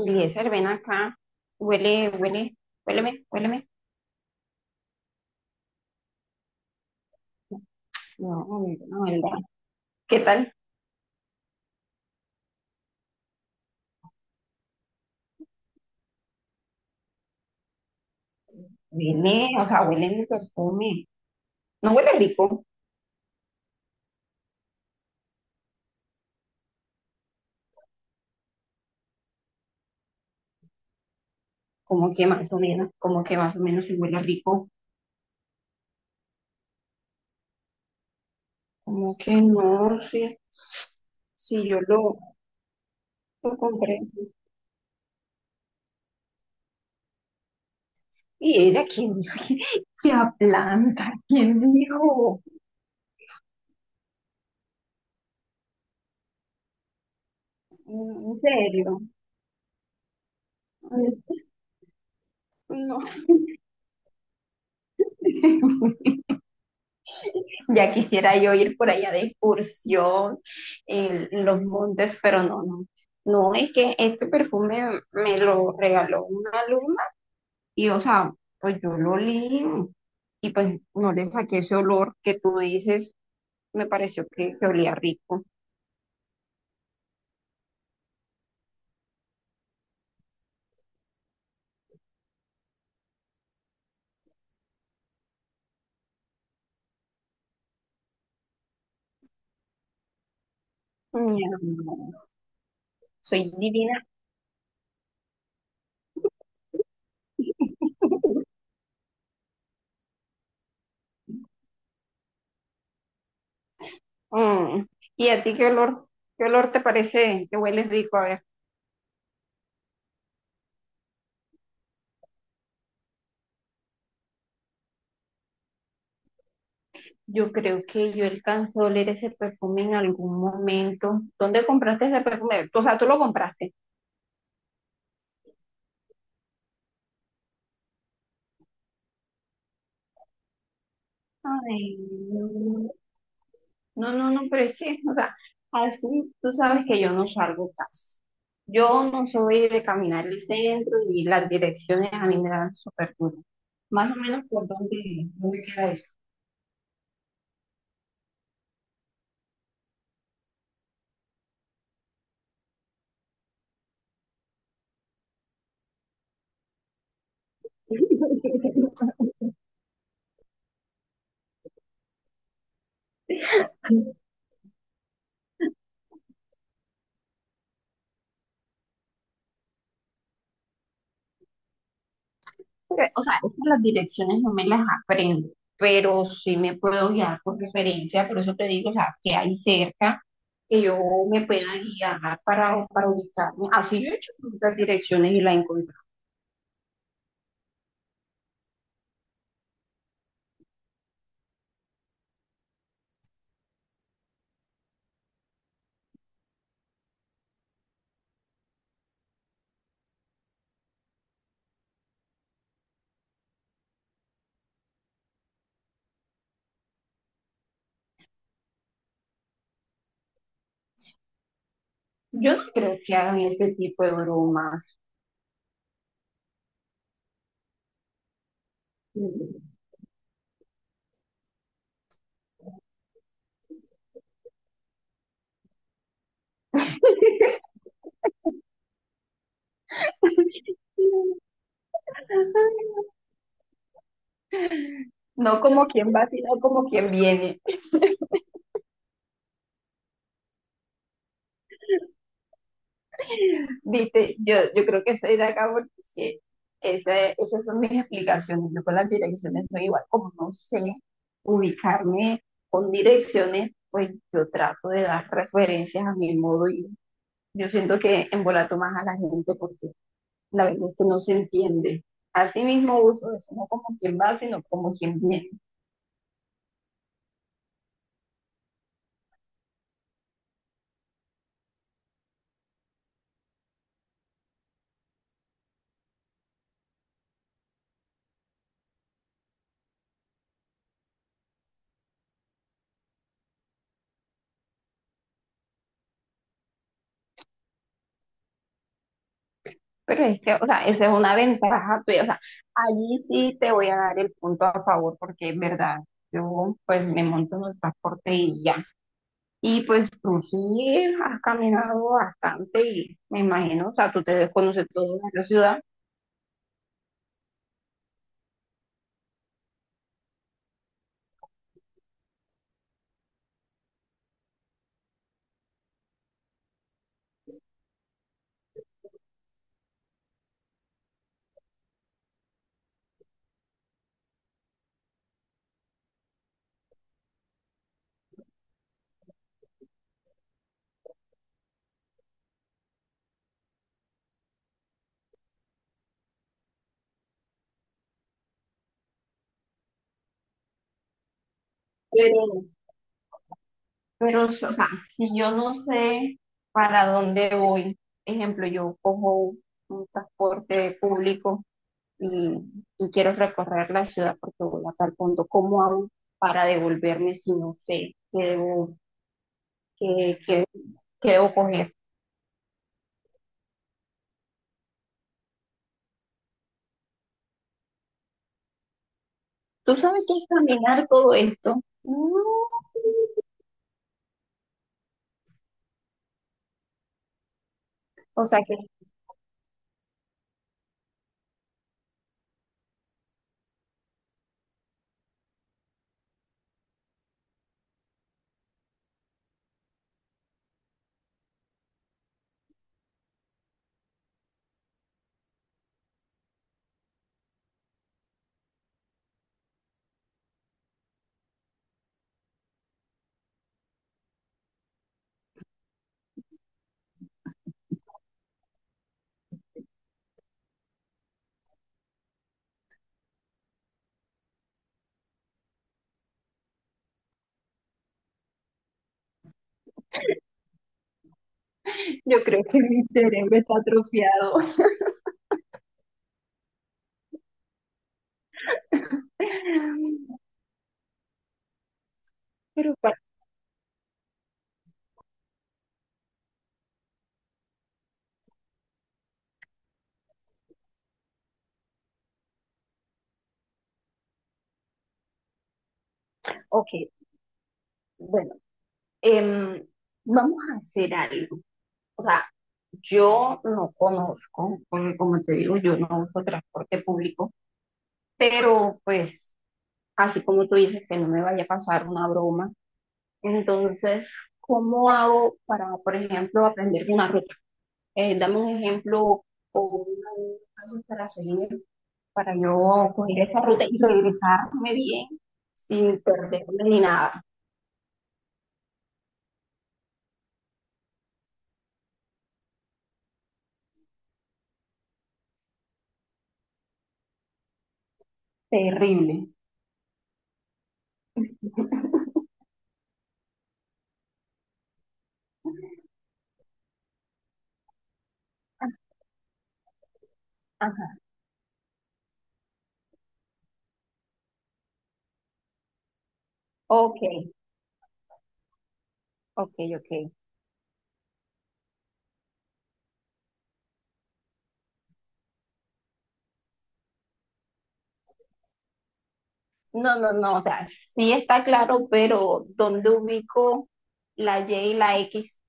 Eliezer, ven acá, huele, huele, huéleme, huéleme. No, no, huelga. ¿Qué tal? Huele, o sea, huele mi perfume. No huele rico, como que más o menos, como que más o menos sí huele rico. Como que no, sí, sí, yo lo compré. ¿Y ella quién dijo que aplanta? ¿Quién dijo? En serio. No. Ya quisiera yo ir por allá de excursión en los montes, pero no, no. No, es que este perfume me lo regaló una alumna y, o sea, pues yo lo olí y pues no le saqué ese olor que tú dices, me pareció que olía rico. Mi amor, soy divina. Mm. ¿Y a ti qué olor te parece que huele rico? A ver. Yo creo que yo alcanzo a oler ese perfume en algún momento. ¿Dónde compraste ese perfume? O sea, tú lo compraste. Ay, no, no, no, no, pero es que, o sea, así tú sabes que yo no salgo casi. Yo no soy de caminar el centro y las direcciones a mí me dan súper duro. Más o menos por dónde, dónde queda eso. Pero, o sea, es que las direcciones no me las aprendo, pero sí me puedo guiar por referencia, por eso te digo, o sea, que hay cerca que yo me pueda guiar para ubicarme. Así yo he hecho las direcciones y la he encontrado. Yo no creo que hagan ese tipo de bromas. No como quien va, sino como quien viene. Viste, yo creo que soy de acá porque esas son mis explicaciones. Yo con las direcciones soy igual, como no sé ubicarme con direcciones, pues yo trato de dar referencias a mi modo y yo siento que embolato más a la gente porque la verdad es que no se entiende. Así mismo uso eso, no como quien va, sino como quien viene. Pero es que, o sea, esa es una ventaja tuya. O sea, allí sí te voy a dar el punto a favor porque es verdad. Yo pues me monto en el transporte y ya. Y pues tú sí has caminado bastante y me imagino, o sea, tú te debes conocer toda la ciudad, pero, pero, o sea, si yo no sé para dónde voy, ejemplo, yo cojo un transporte público y, y quiero recorrer la ciudad porque voy a tal punto, ¿cómo hago para devolverme si no sé qué debo, qué, qué debo coger? ¿Tú sabes qué es caminar todo esto? No, o sea que... Yo creo que mi cerebro está atrofiado. Pero bueno, ok, bueno, em, vamos a hacer algo. O sea, yo no conozco, porque como te digo, yo no uso transporte público, pero pues así como tú dices que no me vaya a pasar una broma, entonces, ¿cómo hago para, por ejemplo, aprender una ruta? Dame un ejemplo o un paso para seguir para yo coger esa ruta y regresarme bien sin perderme ni nada. Terrible. Ajá. Ok, ok, ok. No, no, no, o sea, sí está claro, pero ¿dónde ubico la Y y la X?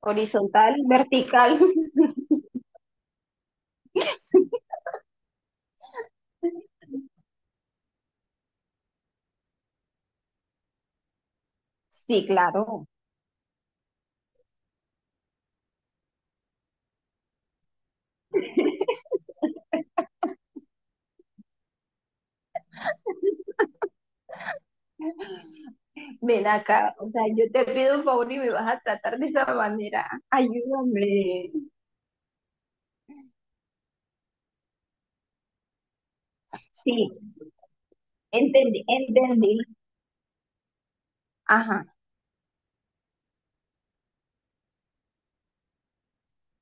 Horizontal, vertical. Sí, claro. Ven acá, o sea, yo te pido un favor y me vas a tratar de esa manera. Ayúdame. Sí, entendí, entendí. Ajá.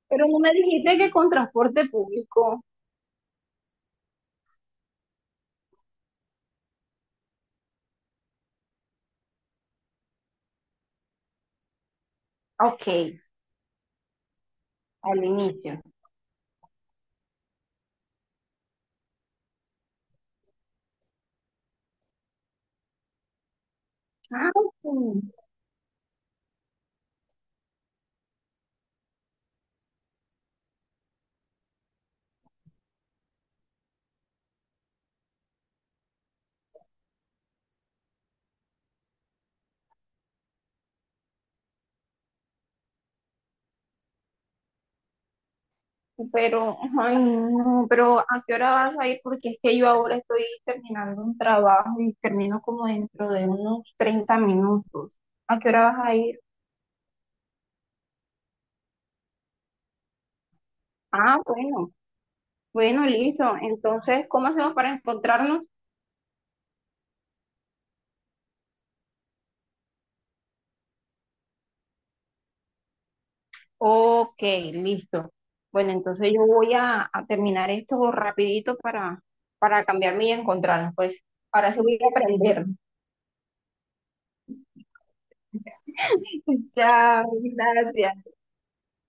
Pero no me dijiste que con transporte público. Ok, al inicio. Ah, sí. Pero, ay, no, pero ¿a qué hora vas a ir? Porque es que yo ahora estoy terminando un trabajo y termino como dentro de unos 30 minutos. ¿A qué hora vas a ir? Ah, bueno. Bueno, listo. Entonces, ¿cómo hacemos para encontrarnos? Ok, listo. Bueno, entonces yo voy a terminar esto rapidito para cambiarme y encontrarnos. Pues ahora sí voy a aprender. Chao, gracias.